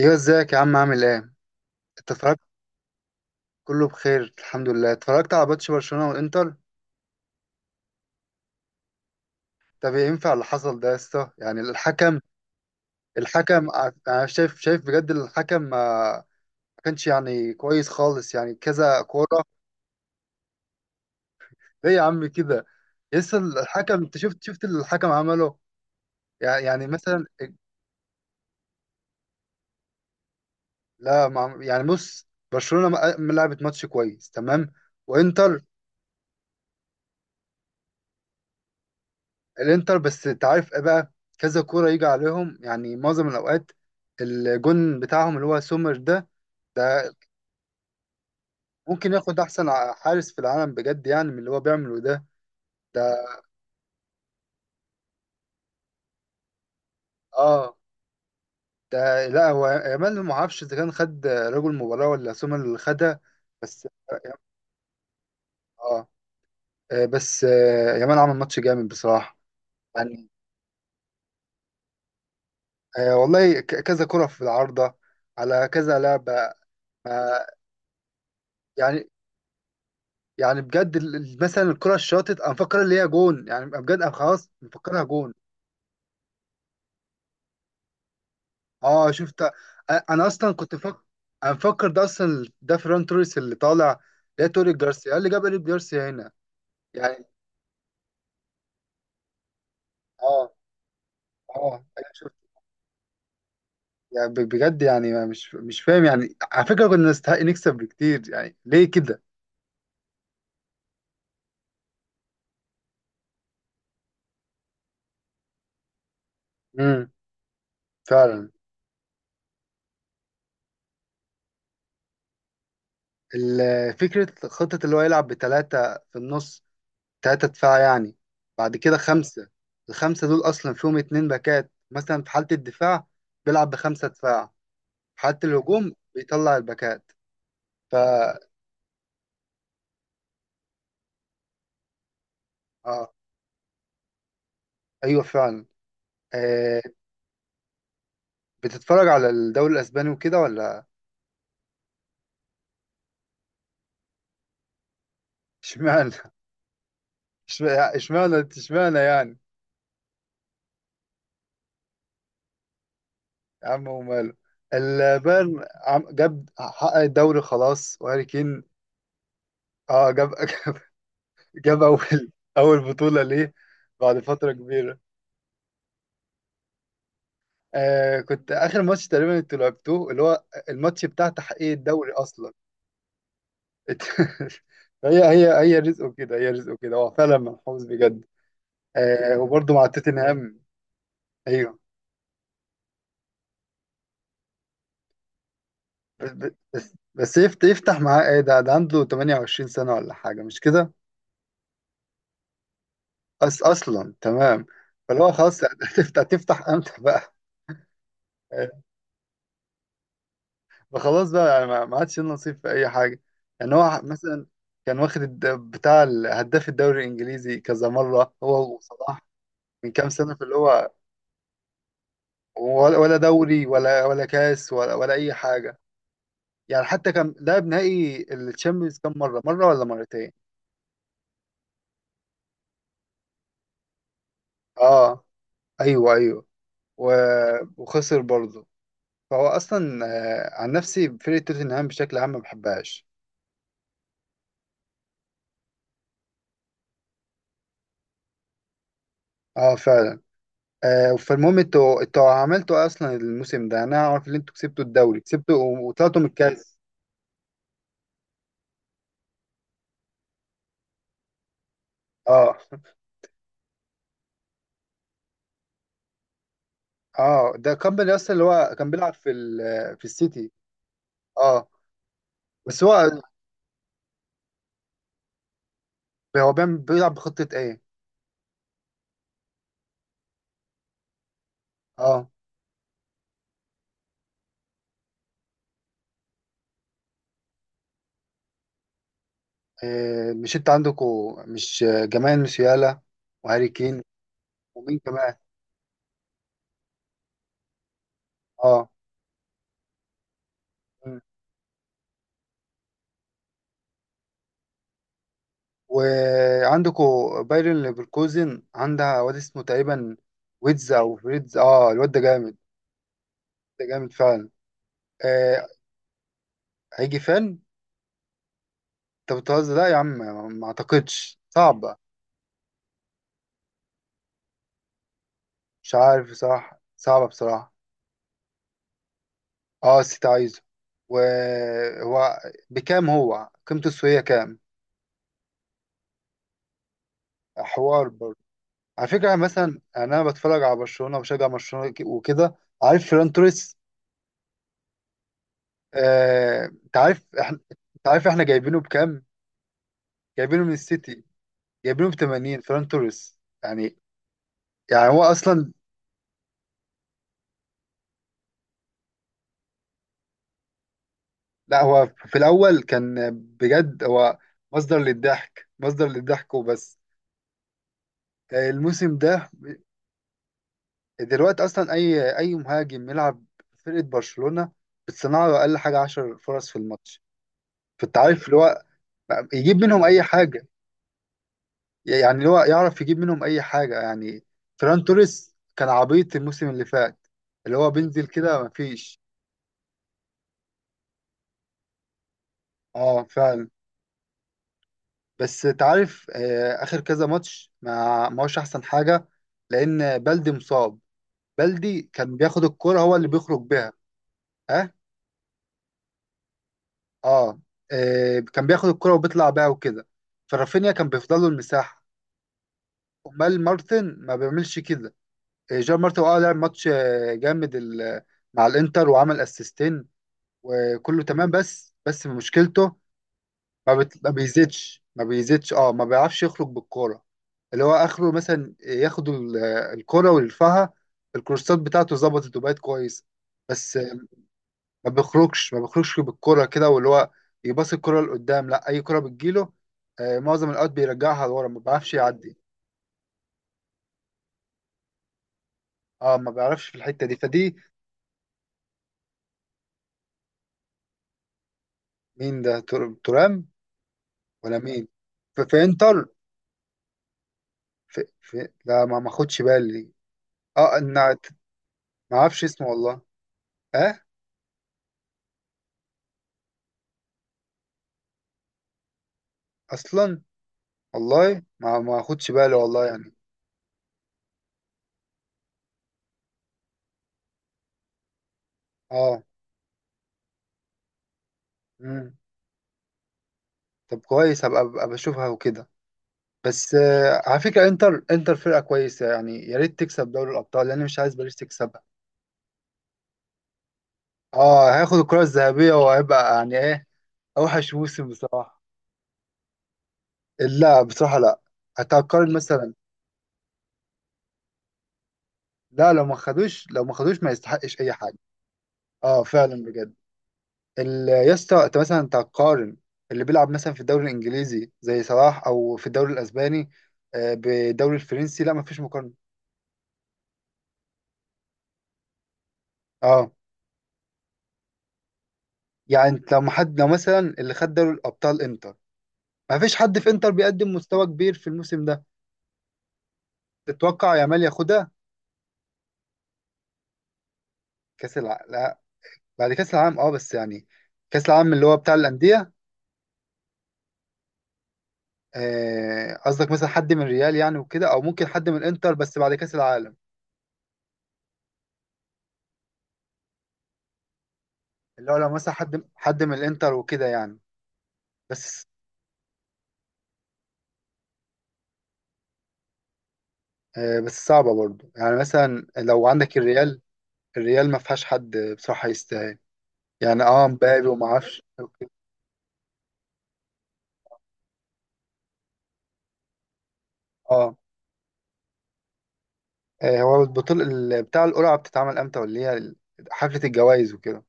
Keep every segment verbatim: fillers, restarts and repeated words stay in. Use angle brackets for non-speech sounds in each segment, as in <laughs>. ايوه، ازيك يا عم؟ عامل ايه؟ اتفرجت. كله بخير الحمد لله. اتفرجت على ماتش برشلونة والانتر. طب إيه ينفع اللي حصل ده يا اسطى؟ يعني الحكم. الحكم ع- انا شايف شايف بجد الحكم ما ما كانش يعني كويس خالص، يعني كذا كورة. ايه يا عم كده؟ لسه الحكم، انت شفت شفت اللي الحكم عمله. يع- يعني مثلا. لا ما عم- يعني بص، برشلونة ما ما لعبت ماتش كويس تمام، وانتر. الانتر، بس انت عارف ايه بقى؟ كذا كوره يجي عليهم يعني معظم الاوقات. الجون بتاعهم اللي هو سومر ده. ده ممكن ياخد احسن ع- حارس في العالم بجد، يعني من اللي هو بيعمله ده. ده اه ده، لا هو يامال ما اعرفش اذا كان خد رجل المباراه ولا سومر اللي خدها. بس اه. آه، بس آه، يامال عمل ماتش جامد بصراحه. يعني آه، والله ك- كذا كره في العارضه، على كذا لعبه. آه. يعني يعني بجد، ال- ال- مثلا الكرة الشاطت انا مفكر اللي هي جون، يعني بجد انا خلاص مفكرها جون. اه شفت. أ- انا اصلا كنت فاكر. انا مفكر ده اصلا ده فيران توريس اللي طالع. ده توريس، جارسيا، إيه اللي جاب ايريك جارسيا هنا؟ يعني اه. اه انا شفت. يعني ب- بجد يعني أنا مش مش فاهم، يعني على فكرة كنا نستحق نكسب بكتير، يعني ليه كده؟ امم فعلا. ال- فكرة خطة اللي هو يلعب بثلاثة في النص، تلاتة دفاع يعني. بعد كده خمسة. الخمسة دول أصلا فيهم اتنين باكات مثلا. في حالة الدفاع بيلعب بخمسة دفاع، في حالة الهجوم بيطلع الباكات. فا آه، أيوة فعلا. آه. بتتفرج على الدوري الأسباني وكده ولا؟ اشمعنى؟ <laughs> اشمعنى اشمعنى اشمعنى يعني؟ يا عم وماله، البايرن عم- جاب، حقق الدوري خلاص، وهاري كين. اه جاب <laughs> جاب أول، أول بطولة ليه بعد فترة كبيرة. آه، كنت اخر ماتش تقريبا انتوا لعبتوه اللي هو الماتش بتاع تحقيق الدوري اصلا. <laughs> هي هي هي رزقه كده، هي رزقه كده، هو فعلا منحوس بجد. آه، وبرضه مع توتنهام. ايوه. بس بس بس يفت- يفتح معاه ايه؟ ده ده عنده ثمانية وعشرين سنه ولا حاجه مش كده؟ أس اصلا تمام. فاللي هو خلاص، هتفتح تفتح امتى بقى؟ <laughs> آه، فخلاص بقى، يعني ما ما عادش ليه نصيب في اي حاجه. يعني هو مثلا كان واخد الد- بتاع ال- هداف الدوري الانجليزي كذا مره، هو وصلاح، من كام سنة، في اللي هو. ولا ولا دوري ولا ولا كاس ولا ولا أي حاجة. يعني حتى كان لعب نهائي الشامبيونز كام مرة؟ مرة ولا مرتين؟ اه ايوه ايوه. و... وخسر برضه. فهو اصلا آه، عن نفسي فرقة توتنهام بشكل عام ما بحبهاش. اه فعلا. آه، فالمهم انتوا، انتوا عملتوا إيه اصلا الموسم ده؟ انا عارف ان انتوا كسبتوا الدوري، كسبتوا و- وطلعتوا من الكاس. اه <laughs> اه، ده كامباني اصلا اللي هو كان بيلعب في ال... في السيتي. اه بس هو، هو بيعمل- بيلعب بخطة ايه؟ اه آه، مش انت عندكوا، مش آه، جمال مسيالا وهاري كين؟ ومين كمان؟ اه. مم. وعندكوا بايرن ليفركوزن عندها واد اسمه تقريبا ويتز او فريدز، اه الواد ده جامد. ده جامد فعلا. آه، هيجي فين؟ انت بتهزر، لا يا عم، ما اعتقدش، صعبة. مش عارف بصراحة، صعبة بصراحة. اه السيتي عايزه. وهو بكام هو؟ قيمته السوقية كام؟ حوار برضه. على فكرة يعني مثلا يعني أنا بتفرج على برشلونة وبشجع برشلونة، ك- وكده. عارف فران توريس. آه، أنت عارف إحنا، أنت عارف إحنا جايبينه بكام؟ جايبينه من السيتي، جايبينه ب ثمانين، فران توريس. يعني يعني هو أصلا، لا هو في الأول كان بجد، هو مصدر للضحك، مصدر للضحك وبس. آه، الموسم ده، دلوقتي أصلا أي أي مهاجم يلعب في فرقة برشلونة بتصنع له أقل حاجة عشر فرص في الماتش. فأنت عارف اللي هو يجيب منهم أي حاجة. يعني هو يعرف يجيب منهم اي حاجه يعني. فران توريس كان عبيط الموسم اللي فات، اللي هو بينزل كده مفيش. اه فعلا. بس تعرف آه، اخر كذا ماتش ما ما هوش احسن حاجه، لان بلدي مصاب. بلدي كان بياخد الكرة، هو اللي بيخرج بيها. اه اه. آه، كان بياخد الكرة وبيطلع بيها وكده، فرافينيا كان بيفضل له المساحه. امال مارتن ما بيعملش كده. آه، جيرار مارتن اه لعب ماتش آه، جامد ال- مع الانتر، وعمل اسيستين وكله تمام، بس بس مشكلته، ما, بت... ما بيزيدش ما بيزيدش اه، ما بيعرفش يخرج بالكوره. اللي هو اخره مثلا ياخد ال- الكوره ويرفعها. الكورسات بتاعته ظبطت وبقت كويس. بس آه، ما بيخرجش ما بيخرجش بالكوره كده. واللي هو يباص الكوره لقدام، لا اي كوره بتجيله آه، معظم الاوقات بيرجعها لورا، ما بيعرفش يعدي. اه ما بيعرفش في الحته دي فدي. مين ده؟ تر- ترام ولا مين؟ في، في انتر؟ في... في... لا ما ما خدش بالي. اه ان، ما اعرفش اسمه والله. اه اصلا. والله ما ما اخدش بالي والله يعني. اه. امم. طب كويس، هبقى أبقى بشوفها وكده. بس آه على فكره، انتر، انتر فرقه كويسه، يعني يا ريت تكسب دوري الابطال، لان مش عايز باريس تكسبها. اه هياخد الكره الذهبيه وهيبقى يعني ايه، اوحش موسم بصراحه. لا بصراحه لا. هتقارن مثلا؟ لا، لو ما خدوش، لو ما خدوش ما يستحقش اي حاجه. اه فعلا بجد. ال- يا اسطى انت مثلا تقارن اللي بيلعب مثلا في الدوري الانجليزي زي صلاح او في الدوري الاسباني، آه، بالدوري الفرنسي؟ لا مفيش مقارنه. اه يعني انت لو حد، لو مثلا اللي خد دوري الابطال انتر، مفيش حد في انتر بيقدم مستوى كبير في الموسم ده. تتوقع يامال ياخدها؟ كاس العالم، لا، بعد كاس العالم اه بس يعني كاس العالم اللي هو بتاع الانديه. آه، قصدك مثلا حد من ريال يعني وكده، او ممكن حد من الانتر بس بعد كاس العالم؟ اللي هو لو مثلا حد حد من الانتر وكده يعني. بس آه، بس صعبة برضو، يعني مثلا لو عندك الريال، الريال ما فيهاش حد بصراحة يستاهل. يعني اه مبابي وما اعرفش. اه. آه، هو البطولة ال- بتاع القرعة بتتعمل امتى؟ ولا هي حفلة الجوائز وكده؟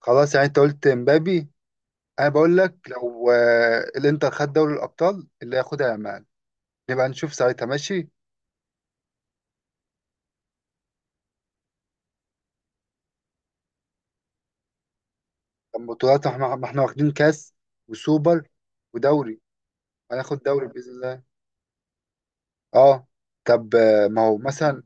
خلاص يعني انت قلت مبابي، انا بقول لك لو آه، الانتر خد دوري الابطال، اللي هياخدها يامال. نبقى نشوف ساعتها، ماشي. طب بطولات، احنا ما احنا واخدين كاس وسوبر ودوري. هناخد دوري باذن الله. اه طب آه، ما هو مثلا،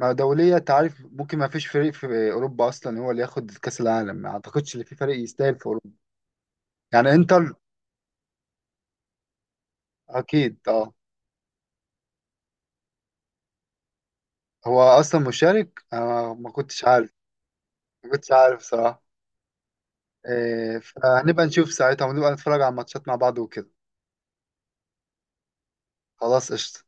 ما دولية؟ انت عارف ممكن ما فيش فريق في أوروبا أصلا هو اللي ياخد كأس العالم، ما أعتقدش إن في فريق يستاهل في أوروبا. يعني إنتر، أكيد أه. هو أصلا مشارك، أنا ما كنتش عارف. ما كنتش عارف صراحة. إيه، فهنبقى نشوف ساعتها، ونبقى نتفرج على الماتشات مع بعض وكده. خلاص قشطة.